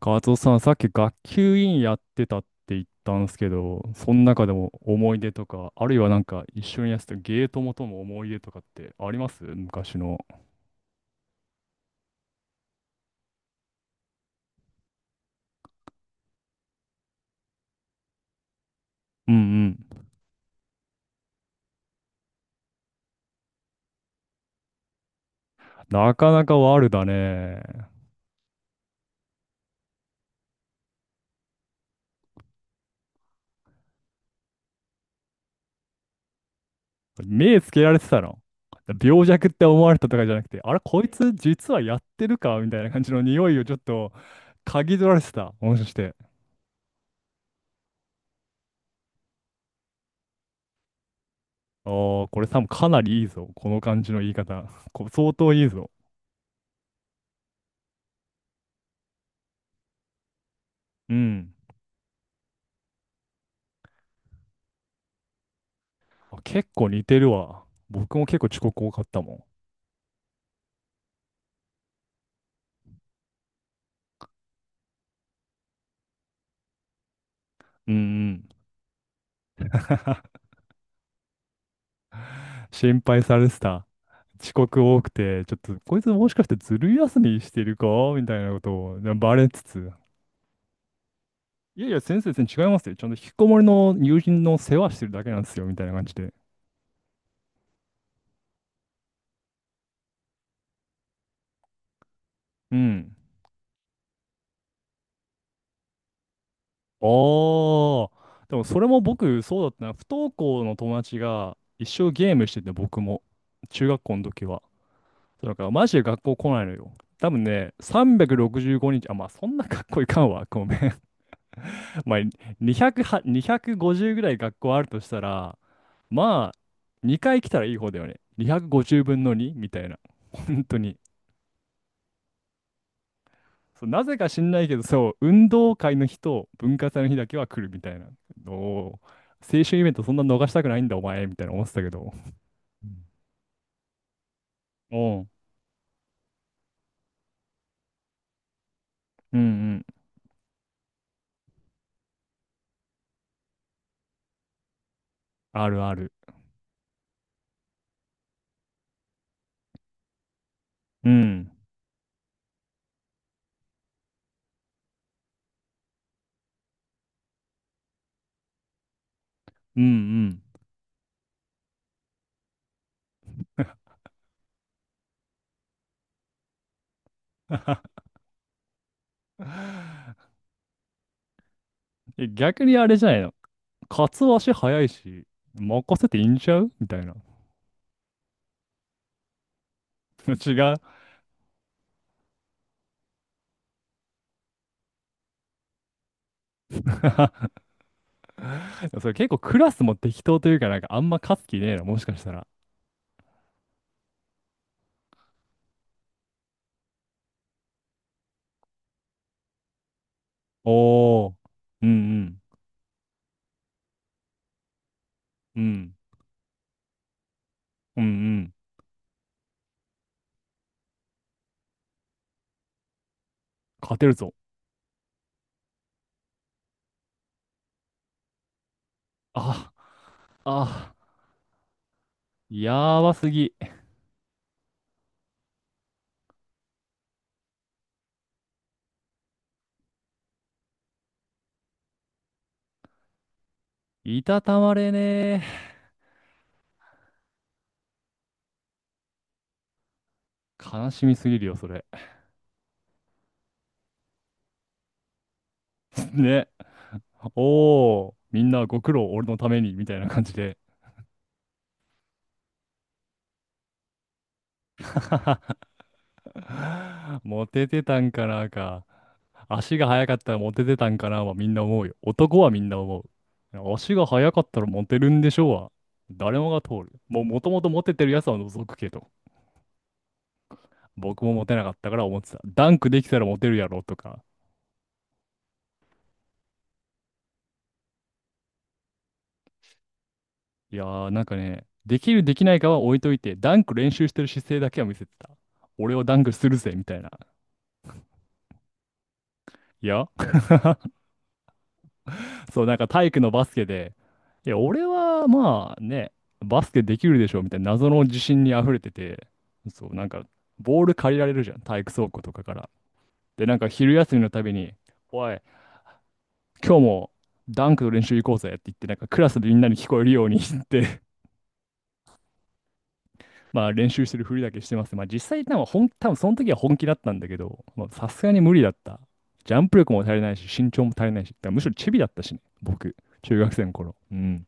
カツオさん、さっき学級委員やってたって言ったんですけど、その中でも思い出とか、あるいはなんか一緒にやってたゲートモとの思い出とかってあります昔の。うんうん。なかなか悪だね。目つけられてたの。病弱って思われたとかじゃなくて、あれ、こいつ実はやってるかみたいな感じの匂いをちょっと嗅ぎ取られてた。もしかして。ああ、これ多分かなりいいぞ。この感じの言い方。相当いいぞ。うん。あ、結構似てるわ。僕も結構遅刻多かったもん。うんうん。心配されてた。遅刻多くて、ちょっとこいつもしかしてずる休みしてるかみたいなことをでバレつつ。いやいや、先生、全然違いますよ。ちゃんと引きこもりの友人の世話してるだけなんですよ、みたいな感じで。うん。ああ。でもそれも僕、そうだったな。不登校の友達が一生ゲームしてて、僕も。中学校の時は。そうだから、マジで学校来ないのよ。多分ね、365日、あ、まあ、そんな学校いかんわ。ごめん。まあ、200は、250ぐらい学校あるとしたら、まあ、2回来たらいい方だよね。250分の2みたいな。本当に。そう、なぜか知んないけど、そう、運動会の日と文化祭の日だけは来るみたいな。おー、青春イベントそんな逃したくないんだ、お前、みたいな思ってたけど。うん。おう、うんうん。あるある。うん。うんうん。え、逆にあれじゃないの。カツオ足早いし、任せていいんちゃうみたいな。違う。それ結構クラスも適当というか、なんかあんま勝つ気ねえな、もしかしたら。おー。うんうん。うん。うんうん。勝てるぞ。あ、あ、やばすぎ。いたたまれねえ。悲しみすぎるよ、それ。ね。おー。みんなご苦労、俺のために、みたいな感じで。モテてたんかなか。足が速かったらモテてたんかなはみんな思うよ。男はみんな思う。足が速かったらモテるんでしょうは。誰もが通る。もうもともとモテてるやつは除くけど。僕もモテなかったから思ってた。ダンクできたらモテるやろとか。いやー、なんかね、できるできないかは置いといて、ダンク練習してる姿勢だけは見せてた。俺はダンクするぜみたいな。いや、そう、なんか体育のバスケで、いや、俺はまあね、バスケできるでしょみたいな謎の自信に溢れてて、そう、なんか、ボール借りられるじゃん、体育倉庫とかから。で、なんか昼休みのたびに、おい、今日もダンクの練習行こうぜって言って、なんかクラスでみんなに聞こえるように 言って、まあ練習してるふりだけしてます。まあ実際、多分その時は本気だったんだけど、まあさすがに無理だった。ジャンプ力も足りないし、身長も足りないし、だからむしろチビだったしね、僕、中学生の頃。うん。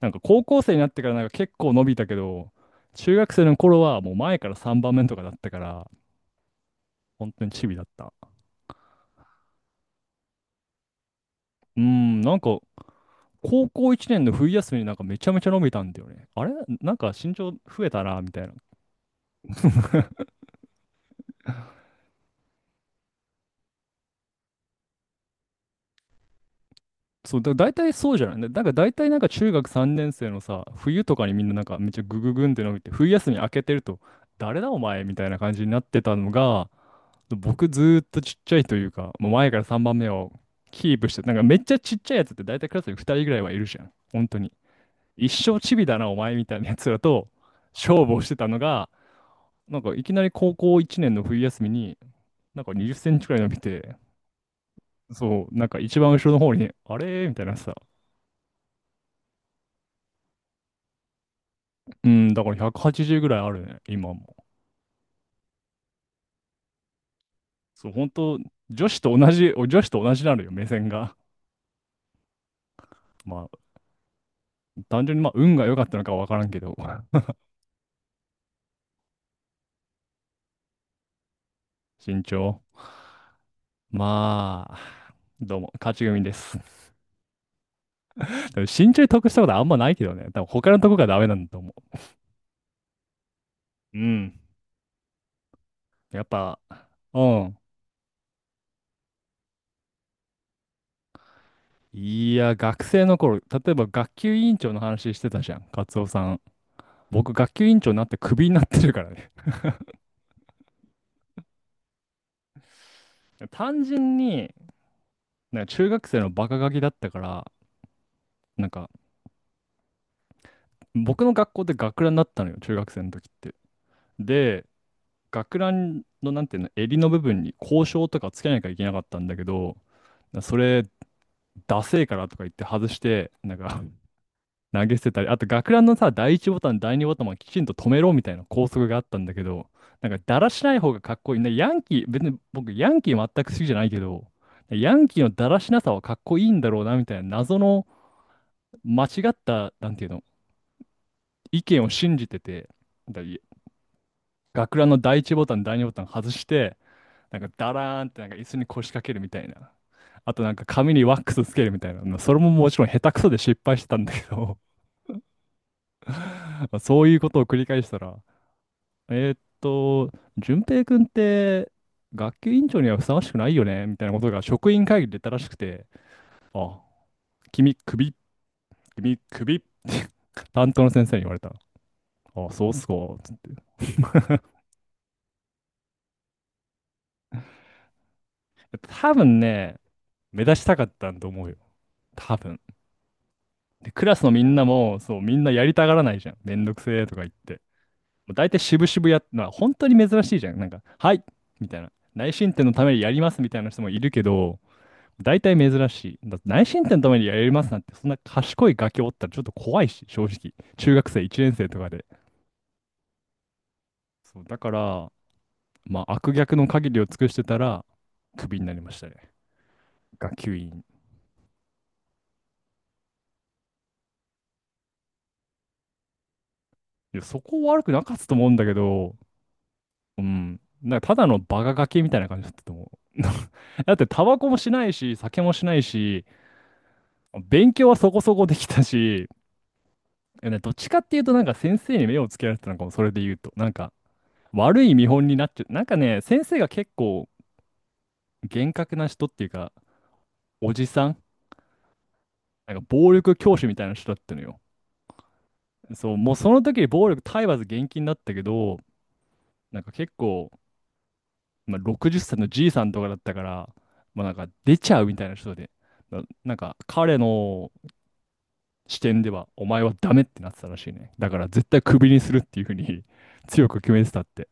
なんか高校生になってからなんか結構伸びたけど、中学生の頃はもう前から3番目とかだったから、本当にチビだった。うーん、なんか高校1年の冬休みになんかめちゃめちゃ伸びたんだよね。あれ、なんか身長増えたな、みたいな。そう、大体そうじゃないだなんか大体なんか中学3年生のさ、冬とかにみんななんかめっちゃグググンって伸びて、冬休み明けてると、誰だお前みたいな感じになってたのが、僕ずーっとちっちゃいというか、もう前から3番目をキープして、なんかめっちゃちっちゃいやつって大体クラスに2人ぐらいはいるじゃん。本当に。一生チビだな、お前みたいなやつらと勝負をしてたのが、なんかいきなり高校1年の冬休みに、なんか20センチくらい伸びて、そう、なんか一番後ろの方に、あれみたいなさ。うん、だから180ぐらいあるね、今も。そう、本当女子と同じ、女子と同じなのよ、目線が。まあ、単純にまあ、運が良かったのかは分からんけど、身長。まあ、どうも、勝ち組です。でも身長に得したことあんまないけどね。多分他のとこがダメなんだと思う。うん。やっぱ、うん。いや、学生の頃、例えば学級委員長の話してたじゃん、カツオさん。僕、学級委員長になってクビになってるからね。単純に、なんか中学生のバカガキだったから、なんか、僕の学校で学ランだったのよ、中学生の時って。で、学ランの、なんていうの、襟の部分に校章とかつけなきゃいけなかったんだけど、それダセえからとか言って外して、なんか 投げ捨てたり、あと学ランのさ、第一ボタン、第二ボタンもきちんと止めろみたいな校則があったんだけど、なんかだらしない方がかっこいい。ね、ヤンキー、別に僕ヤンキー全く好きじゃないけど、ヤンキーのだらしなさはかっこいいんだろうなみたいな謎の間違った、なんていうの、意見を信じてて、だ学ランの第一ボタン、第二ボタン外して、なんかだらーんってなんか椅子に腰掛けるみたいな。あとなんか髪にワックスつけるみたいな。まあそれももちろん下手くそで失敗してたんだけど そういうことを繰り返したら、えーっと、淳平君って学級委員長にはふさわしくないよねみたいなことが職員会議で言ったらしくて、あ、君、首、君、首、担当の先生に言われた。あ、そうっすか、つって。多分ね、目指したかったんと思うよ。多分。で、クラスのみんなも、そう、みんなやりたがらないじゃん。めんどくせえとか言って。もう大体渋々やっのは本当に珍しいじゃん。なんか、はいみたいな。内申点のためにやりますみたいな人もいるけど、大体珍しい。だって内申点のためにやりますなんて、そんな賢いガキおったらちょっと怖いし、正直。中学生1年生とかで。そう、だから、まあ、悪逆の限りを尽くしてたら、クビになりましたね。学級委員。いや、そこ悪くなかったと思うんだけど、うん。なんかただのバカガキみたいな感じだったと思う。だって、タバコもしないし、酒もしないし、勉強はそこそこできたし、いやね、どっちかっていうと、なんか先生に目をつけられてたのかも、それで言うと。なんか、悪い見本になっちゃう。なんかね、先生が結構厳格な人っていうか、おじさん、なんか暴力教師みたいな人だったのよ。そう、もうその時に暴力体罰厳禁だったけど、なんか結構、まあ、60歳のじいさんとかだったから、まあ、なんか出ちゃうみたいな人で、なんか彼の視点ではお前はダメってなってたらしいね。だから絶対クビにするっていうふうに 強く決めてたって。